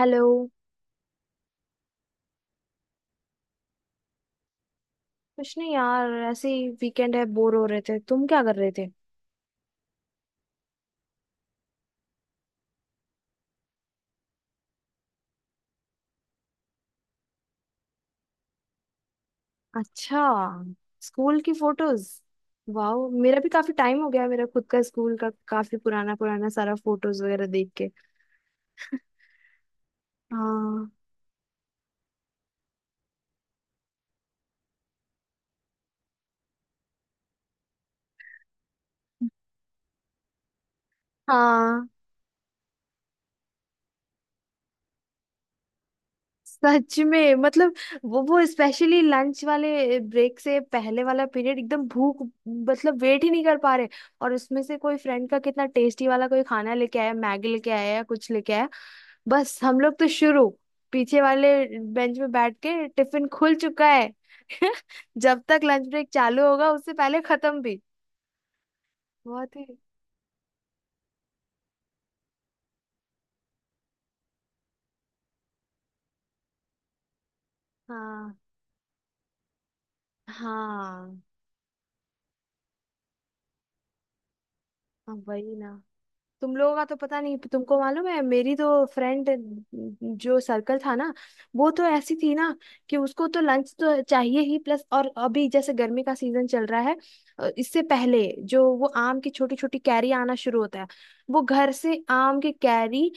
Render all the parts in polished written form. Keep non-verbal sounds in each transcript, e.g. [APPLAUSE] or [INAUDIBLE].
Hello. कुछ नहीं यार, ऐसे ही वीकेंड है, बोर हो रहे थे। तुम क्या कर रहे थे? अच्छा, स्कूल की फोटोज, वाह। मेरा भी काफी टाइम हो गया है, मेरा खुद का स्कूल का काफी पुराना पुराना सारा फोटोज वगैरह देख के। हाँ। हाँ, सच में। मतलब वो स्पेशली लंच वाले ब्रेक से पहले वाला पीरियड, एकदम भूख। मतलब वेट ही नहीं कर पा रहे। और उसमें से कोई फ्रेंड का कितना टेस्टी वाला कोई खाना लेके आया, मैगी लेके आया या कुछ लेके आया, बस हम लोग तो शुरू। पीछे वाले बेंच में बैठ के टिफिन खुल चुका है। [LAUGHS] जब तक लंच ब्रेक चालू होगा उससे पहले खत्म भी। बहुत ही। हाँ, हाँ, हाँ, वही ना। तुम लोगों का तो पता नहीं, तुमको मालूम है मेरी तो फ्रेंड जो सर्कल था ना, वो तो ऐसी थी ना कि उसको तो लंच तो चाहिए ही, प्लस और अभी जैसे गर्मी का सीजन चल रहा है, इससे पहले जो वो आम की छोटी छोटी कैरी आना शुरू होता है, वो घर से आम की कैरी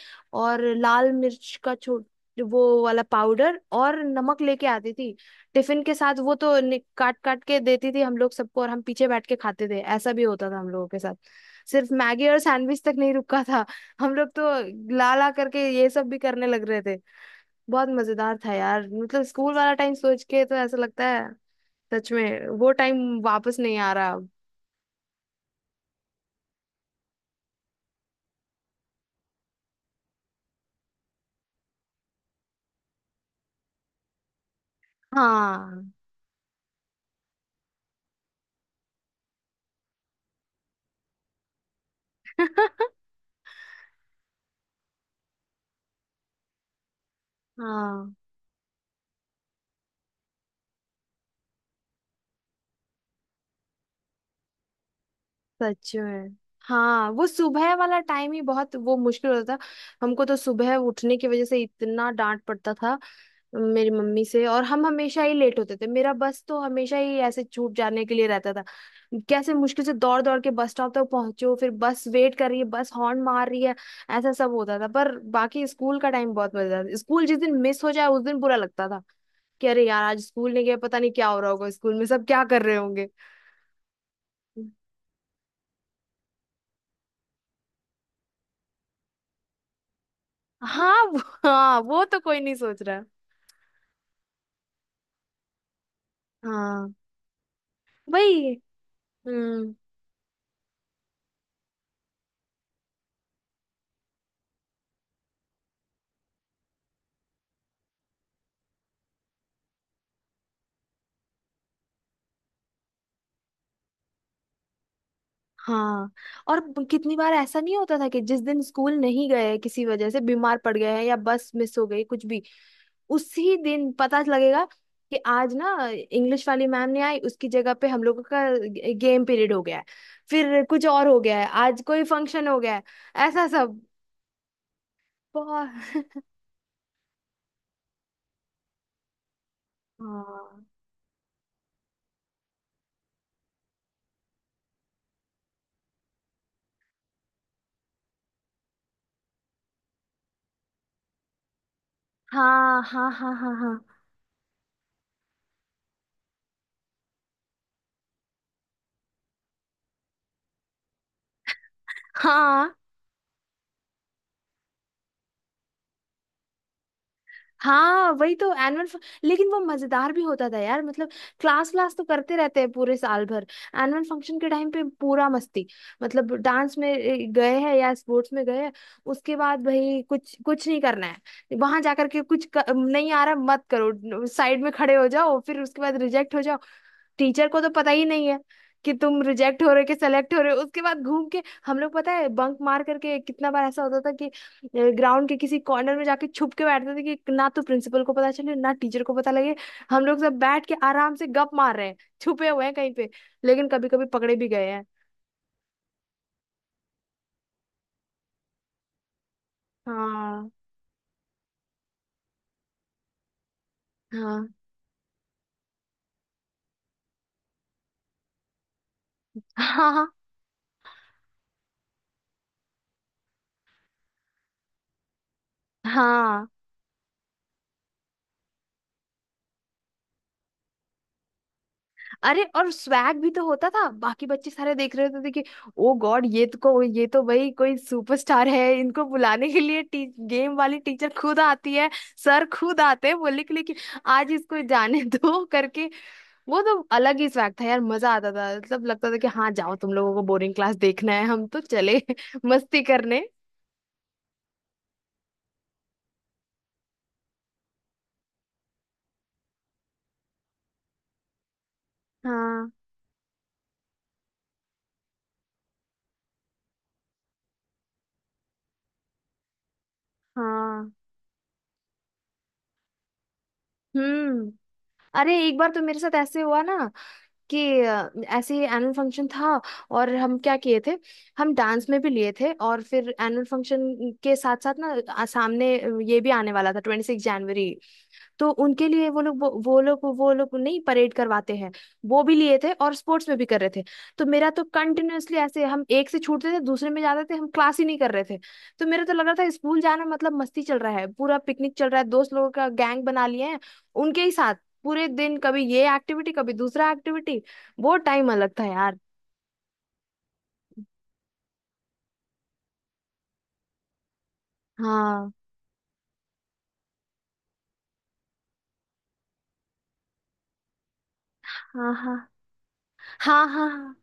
और लाल मिर्च का छोट, वो वाला पाउडर और नमक लेके आती थी टिफिन के साथ। वो तो काट काट के देती थी हम लोग सबको, और हम पीछे बैठ के खाते थे। ऐसा भी होता था हम लोगों के साथ, सिर्फ मैगी और सैंडविच तक नहीं रुका था, हम लोग तो ला ला करके ये सब भी करने लग रहे थे। बहुत मजेदार था यार, मतलब स्कूल वाला टाइम सोच के तो ऐसा लगता है सच में वो टाइम वापस नहीं आ रहा अब। हाँ। [LAUGHS] हाँ, सच में। हाँ, वो सुबह वाला टाइम ही बहुत वो मुश्किल होता था। हमको तो सुबह उठने की वजह से इतना डांट पड़ता था मेरी मम्मी से, और हम हमेशा ही लेट होते थे, मेरा बस तो हमेशा ही ऐसे छूट जाने के लिए रहता था। कैसे मुश्किल से दौड़ दौड़ के बस स्टॉप तक पहुंचो, फिर बस वेट कर रही है, बस हॉर्न मार रही है, ऐसा सब होता था। पर बाकी स्कूल का टाइम बहुत मजेदार था। स्कूल जिस दिन मिस हो जाए उस दिन बुरा लगता था कि अरे यार आज स्कूल नहीं गए, पता नहीं क्या हो रहा होगा स्कूल में, सब क्या कर रहे होंगे। हाँ, वो तो कोई नहीं सोच रहा। हाँ, वही। हम्म। हाँ। और कितनी बार ऐसा नहीं होता था कि जिस दिन स्कूल नहीं गए किसी वजह से, बीमार पड़ गए हैं या बस मिस हो गई कुछ भी, उसी दिन पता लगेगा कि आज ना इंग्लिश वाली मैम नहीं आई, उसकी जगह पे हम लोगों का गेम पीरियड हो गया है, फिर कुछ और हो गया है, आज कोई फंक्शन हो गया है, ऐसा सब। बहुत। हाँ, हाँ, हाँ, हाँ, हाँ, हाँ, हाँ, हाँ, वही तो। एनुअल, लेकिन वो मजेदार भी होता था यार। मतलब क्लास व्लास तो करते रहते हैं पूरे साल भर, एनुअल फंक्शन के टाइम पे पूरा मस्ती। मतलब डांस में गए हैं या स्पोर्ट्स में गए हैं, उसके बाद भाई कुछ कुछ नहीं करना है, वहां जाकर के कुछ नहीं आ रहा, मत करो, साइड में खड़े हो जाओ, फिर उसके बाद रिजेक्ट हो जाओ। टीचर को तो पता ही नहीं है कि तुम रिजेक्ट हो रहे हो कि सेलेक्ट हो रहे हो। उसके बाद घूम के हम लोग, पता है, बंक मार करके कितना बार ऐसा होता था कि ग्राउंड के किसी कॉर्नर में जाके छुप के बैठते थे कि ना तो प्रिंसिपल को पता चले ना टीचर को पता लगे, हम लोग सब बैठ के आराम से गप मार रहे हैं, छुपे हुए हैं कहीं पे। लेकिन कभी कभी पकड़े भी गए हैं। हाँ, हाँ, हाँ, हाँ। अरे और स्वैग भी तो होता था, बाकी बच्चे सारे देख रहे होते थे कि ओ गॉड ये तो को, ये तो भाई कोई सुपरस्टार है, इनको बुलाने के लिए गेम वाली टीचर खुद आती है, सर खुद आते हैं बोलने के लिए कि आज इसको जाने [LAUGHS] दो करके। वो तो अलग ही स्वैग था यार, मजा आता था। मतलब लगता था कि हाँ जाओ, तुम लोगों को बोरिंग क्लास देखना है, हम तो चले [LAUGHS] मस्ती करने। हाँ, हाँ। हम्म। अरे एक बार तो मेरे साथ ऐसे हुआ ना कि ऐसे ही एनुअल फंक्शन था, और हम क्या किए थे, हम डांस में भी लिए थे। और फिर एनुअल फंक्शन के साथ साथ ना, सामने ये भी आने वाला था 26 जनवरी, तो उनके लिए वो लोग, वो लोग नहीं, परेड करवाते हैं, वो भी लिए थे, और स्पोर्ट्स में भी कर रहे थे। तो मेरा तो कंटिन्यूअसली ऐसे हम एक से छूटते थे दूसरे में जाते थे, हम क्लास ही नहीं कर रहे थे। तो मेरा तो लग रहा था स्कूल जाना मतलब मस्ती चल रहा है, पूरा पिकनिक चल रहा है। दोस्त लोगों का गैंग बना लिए हैं उनके ही साथ, पूरे दिन कभी ये एक्टिविटी कभी दूसरा एक्टिविटी। वो टाइम अलग था यार। हाँ, हाँ, हाँ, हाँ, हाँ, हाँ,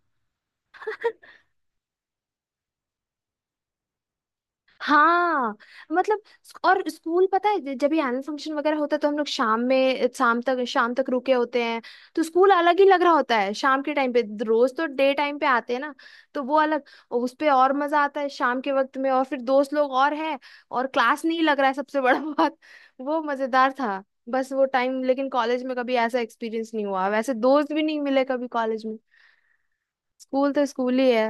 हाँ। मतलब और स्कूल पता है जब भी एनुअल फंक्शन वगैरह होता है तो हम लोग शाम में, शाम तक रुके होते हैं। तो स्कूल अलग ही लग रहा होता है शाम के टाइम पे, रोज तो डे टाइम पे आते हैं ना, तो वो अलग। उस पे और मजा आता है शाम के वक्त में, और फिर दोस्त लोग और हैं, और क्लास नहीं लग रहा है सबसे बड़ा [LAUGHS] बात। वो मजेदार था बस वो टाइम। लेकिन कॉलेज में कभी ऐसा एक्सपीरियंस नहीं हुआ, वैसे दोस्त भी नहीं मिले कभी कॉलेज। स्कूल तो स्कूल ही है।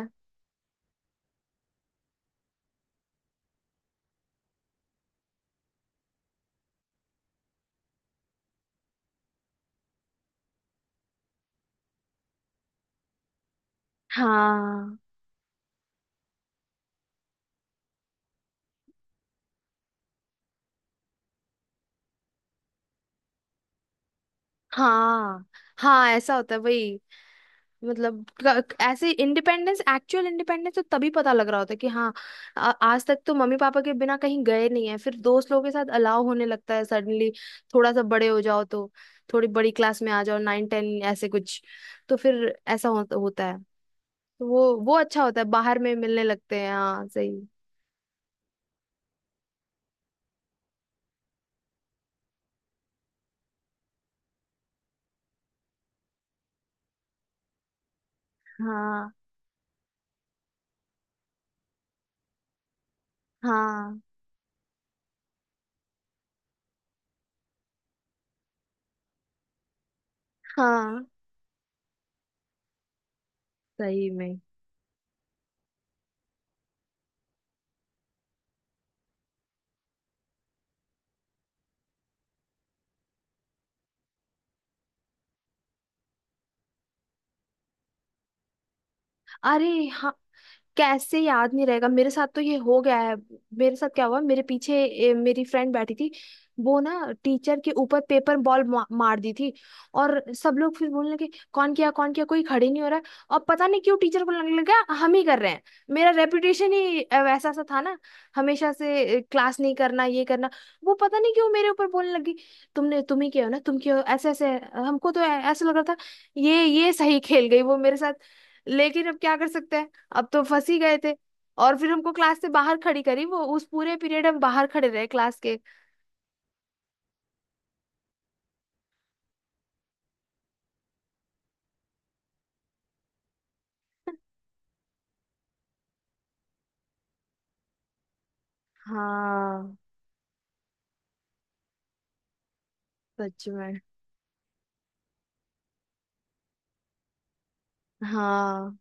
हाँ, हाँ, हाँ, ऐसा होता है, वही। मतलब ऐसे इंडिपेंडेंस, एक्चुअल इंडिपेंडेंस तो तभी पता लग रहा होता है कि हाँ आज तक तो मम्मी पापा के बिना कहीं गए नहीं है, फिर दोस्त लोगों के साथ अलाव होने लगता है सडनली। थोड़ा सा बड़े हो जाओ तो, थोड़ी बड़ी क्लास में आ जाओ, 9 10 ऐसे कुछ, तो फिर ऐसा होता है। तो वो अच्छा होता है बाहर में मिलने लगते हैं। हाँ, सही। हाँ, हाँ, हाँ, सही में। अरे हाँ, कैसे याद नहीं रहेगा, मेरे साथ तो ये हो गया है। मेरे साथ क्या हुआ, मेरे पीछे मेरी फ्रेंड बैठी थी, वो ना टीचर के ऊपर पेपर बॉल मार दी थी। और सब लोग फिर बोलने लगे कौन किया कौन किया, कोई खड़े नहीं हो रहा है। और पता नहीं क्यों टीचर को लगने लगा हम ही कर रहे हैं। मेरा रेपुटेशन ही वैसा सा था ना, हमेशा से क्लास नहीं करना ये करना। वो पता नहीं क्यों मेरे ऊपर बोलने लगी, तुमने, तुम ही किया हो ना, तुम क्यों, ऐसे ऐसे। हमको तो ऐसा लग रहा था ये सही खेल गई वो मेरे साथ। लेकिन अब क्या कर सकते हैं, अब तो फंस ही गए थे। और फिर हमको क्लास से बाहर खड़ी करी वो, उस पूरे पीरियड हम बाहर खड़े रहे क्लास के। हाँ, सच में। हाँ,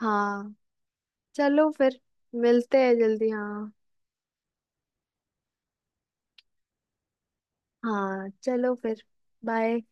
हाँ। चलो फिर, मिलते हैं जल्दी। हाँ, हाँ, चलो फिर, बाय।